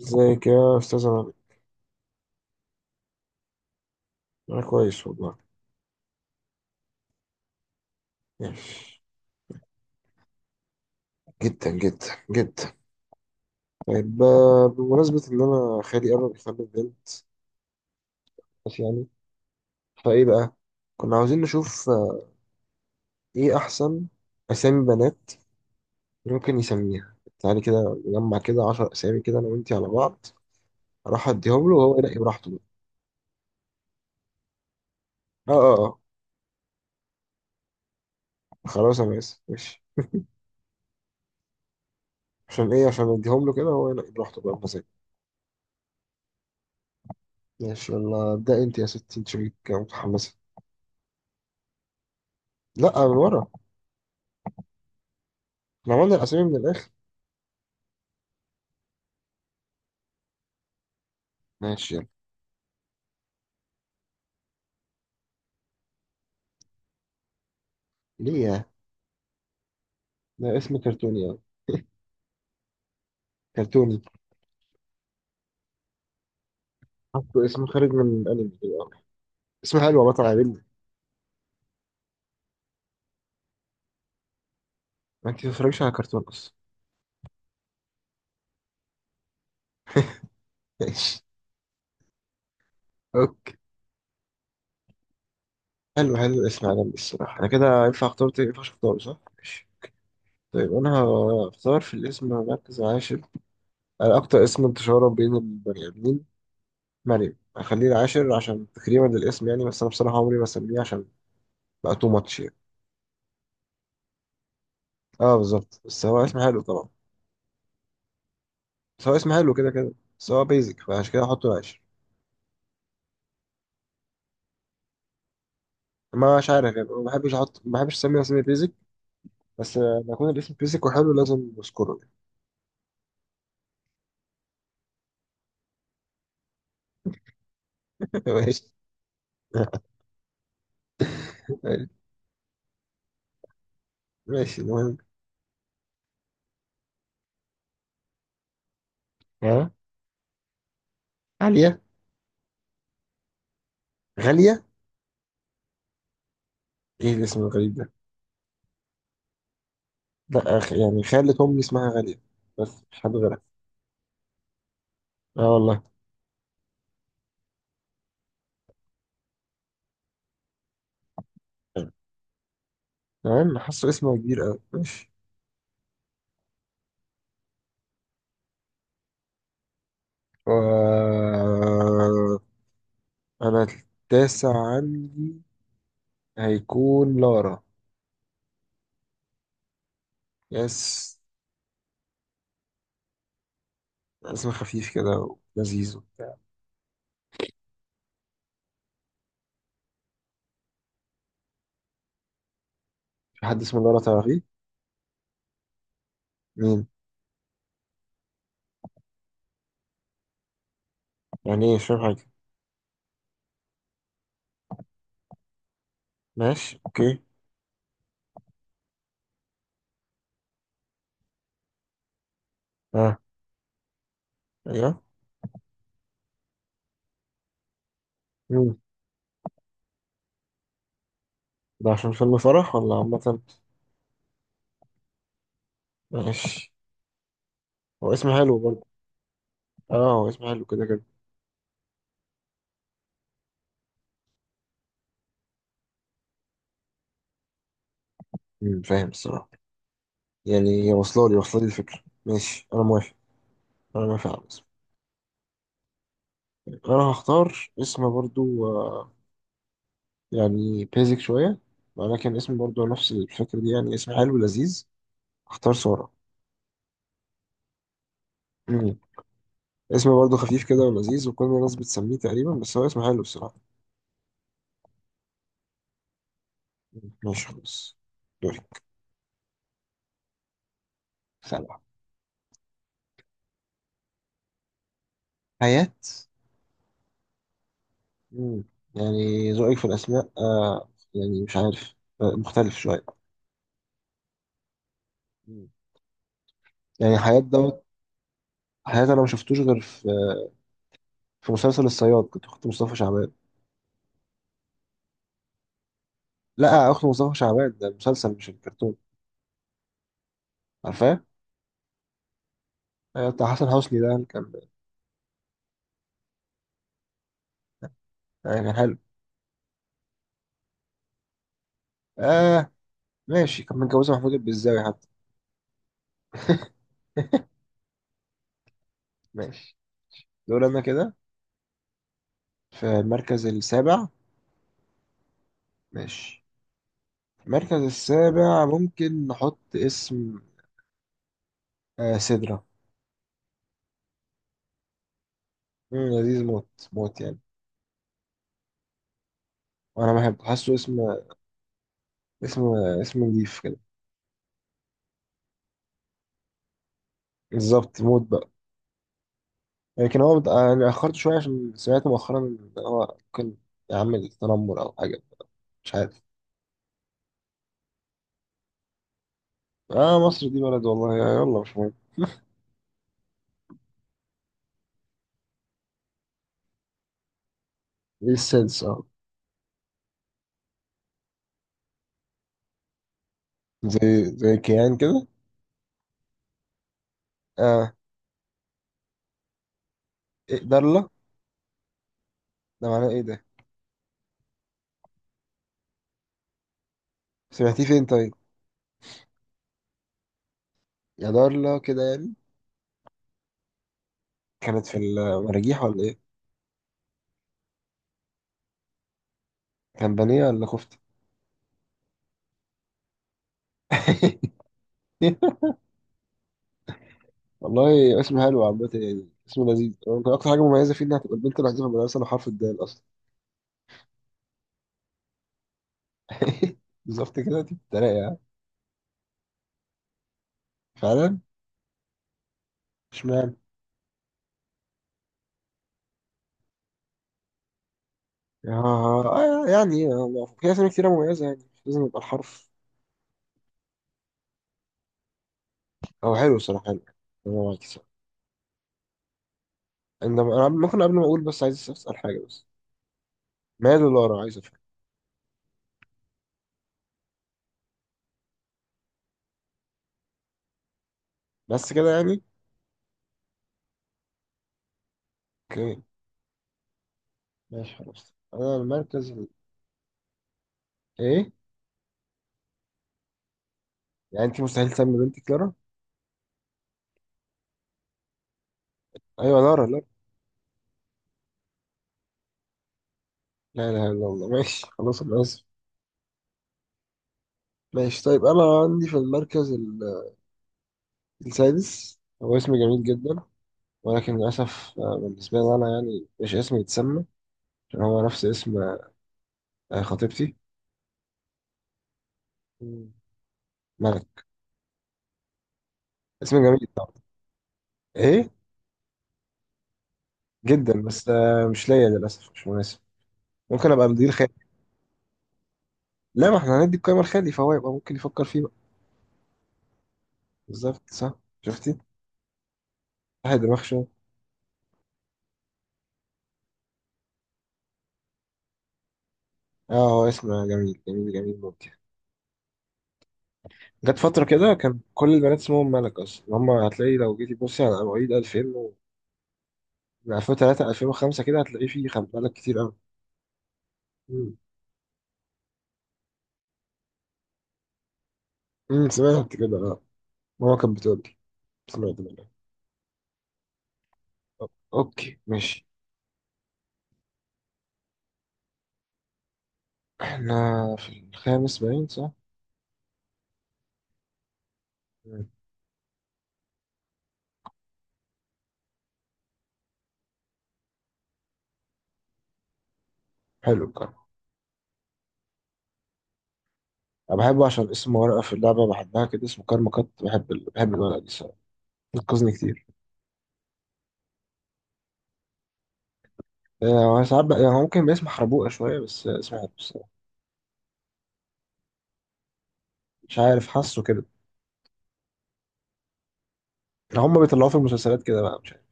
ازيك يا استاذ عماد؟ انا كويس والله. ماشي. جدا جدا جدا. طيب، بمناسبة ان انا خالي قرب يخلف بنت. بس يعني، فايه بقى. كنا عاوزين نشوف ايه احسن اسامي بنات ممكن يسميها. تعالي كده نجمع كده 10 اسامي كده انا وانتي على بعض، اروح اديهم له وهو ينقي براحته بقى. اه اه اه. خلاص انا اسف. ماشي. عشان ايه؟ عشان اديهم له كده وهو ينقي براحته بقى بمزاجه. ماشي، يلا ابدأ انت يا ستي، انت شكلك متحمسة. لا، من ورا. احنا عملنا الاسامي من الاخر. ماشي. ليه يا؟ ده اسم كرتوني أوي. كرتوني. حطوا اسم خارج من الأنمي كده أوي. اسم حلو يا بطل، عجبني. ما أنت بتتفرجش على كرتون أصلا. ماشي. أوكي. حلو حلو الاسم عجبني الصراحة. أنا كده ينفع أختار تاني؟ ينفع أختار، صح؟ ماشي. طيب أنا هختار في الاسم مركز عاشر. أنا أكتر اسم انتشارا بين البني آدمين، مريم، هخليه العاشر عشان تكريما للاسم يعني. بس أنا بصراحة عمري ما أسميه، عشان بقى تو ماتش يعني. أه بالظبط، بس هو اسم حلو طبعا. بس هو اسم حلو كده كده. بس هو بيزك، فعشان كده هحطه العاشر. مش عارف يعني، ما بحبش اسمي بيزك. بس لما يكون الاسم بيزك وحلو لازم اذكره. ماشي. ماشي المهم. ها. عالية. غالية. ايه الاسم الغريب ده؟ لا، يعني خالة امي اسمها غالية، بس مش حد غيرها. اه والله. تمام، حاسه اسمه كبير قوي. ماشي. و... انا التاسع عندي هيكون لارا. يس. اسم خفيف كده ولذيذ وبتاع. في حد اسمه لارا تعرفيه؟ مين؟ يعني ايه؟ مش فاهم حاجة. ماشي اوكي. اه. ايوه. مم. ده عشان فيلم فرح ولا عامة؟ ماشي. هو اسم حلو برضه. اه، هو اسم حلو كده كده. فاهم الصراحة. يعني واصلة لي الفكرة. ماشي، انا موافق. انا موافق على الاسم. انا هختار اسم برضه. آه، يعني بيزك شوية، ولكن اسم برضه نفس الفكرة دي، يعني اسم حلو لذيذ. هختار سارة. مم. اسم برضه خفيف كده ولذيذ وكل الناس بتسميه تقريبا، بس هو اسم حلو الصراحة. ماشي خلاص. دوري. سلام. حياة. مم. يعني ذوقك في الأسماء يعني مش عارف، مختلف شوية. مم. يعني حياة دوت. حياة أنا ما شفتوش غير في مسلسل الصياد، كنت أخت مصطفى شعبان. لا، أخت مصطفى شعبان ده المسلسل مش الكرتون. عارفاه. بتاع حسن حسني ده اللي كان. يعني كان حلو. آه. ماشي. كان متجوزة محمود البزاوي حتى. ماشي. دول أنا كده في المركز السابع. ماشي، المركز السابع ممكن نحط اسم سدرة. لذيذ موت موت يعني. وانا بحب، حاسه اسم اسم نضيف كده. بالظبط موت بقى. لكن هو انا اخرت شويه عشان سمعت مؤخرا ان هو ممكن يعمل تنمر او حاجه. مش عارف. اه، مصر دي بلد والله. يلا مش مهم. دي السادس، اه. زي كيان كده. اه. إيه، دارلا؟ ده معناه ايه ده؟ سمعتيه فين طيب؟ يا دارلا كده يعني. كانت في المراجيح ولا ايه؟ كان بانيه ولا كفته؟ والله اسم حلو عامة يعني، اسم لذيذ. ممكن أكتر حاجة مميزة فيه إنها تبقى البنت الوحيدة في المدرسة اللي حرف الدال أصلا. بالظبط كده، دي بتتريق يعني. فعلا. اشمعنى؟ آه. يعني في أسامي كتيرة مميزة، يعني مش لازم يبقى الحرف. هو حلو الصراحة، حلو. أنا معاك الصراحة. إنما أنا ممكن قبل ما أقول، بس عايز أسأل حاجة بس. ماله لورا؟ عايز أفهم. بس كده يعني. أوكي. ماشي خلاص، أنا المركز إيه؟ يعني أنت مستحيل تسمي بنتك لورا؟ أيوة، لورا لورا. لا إله إلا الله. ماشي خلاص، أنا آسف. ماشي طيب، أنا عندي في المركز السادس، هو اسم جميل جدا. ولكن للأسف، بالنسبة لي أنا يعني مش اسمي يتسمى، عشان هو نفس اسم خطيبتي. مم. ملك. اسم جميل طبعا. إيه؟ جدا، بس مش ليا للأسف، مش مناسب. ممكن أبقى مدير خالي. لا، ما إحنا هندي القايمة لخالي، فهو يبقى ممكن يفكر فيه بقى. بالظبط، صح. شفتي؟ واحد دماغ شوية. آه، هو اسم جميل جميل جميل ممتع. جت فترة كده كان كل البنات اسمهم ملك أصلا. هم هتلاقي لو جيتي تبصي على مواعيد 2000 و من 2003 2005 كده هتلاقي فيه ملك كتير أوي. مم. سمعت كده اه. ماما كانت بتقول، سمعت منك. أو- اوكي ماشي. احنا في الخامس باين، صح؟ مم. حلو، الكرم. انا بحبه عشان اسم ورقة في اللعبة بحبها كده، اسمه كارما كات. بحب الورقة دي الصراحة. بتنقذني كتير. هو ساعات بقى يعني هو ممكن باسم حربوقة شوية، بس اسمه حلو الصراحة. مش عارف، حاسه كده. يعني هما بيطلعوه في المسلسلات كده بقى، مش عارف.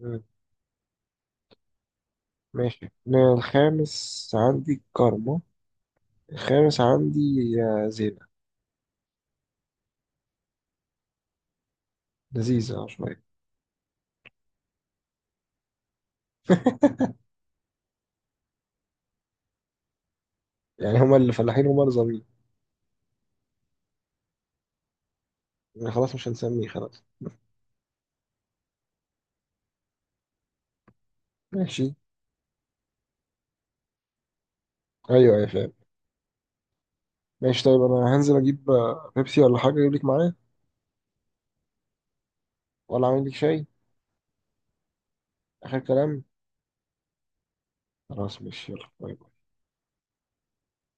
مم. ماشي، أنا الخامس عندي كارما. الخامس عندي زينة. لذيذة شوية. يعني هما اللي فلاحين هما اللي ظالمين. يعني خلاص مش هنسميه، خلاص. ماشي. ايوه ايوه فاهم. ماشي طيب، انا هنزل اجيب بيبسي ولا حاجه، اجيب لك معايا؟ ولا اعمل لك شاي؟ اخر كلام. خلاص ماشي، يلا باي. باي.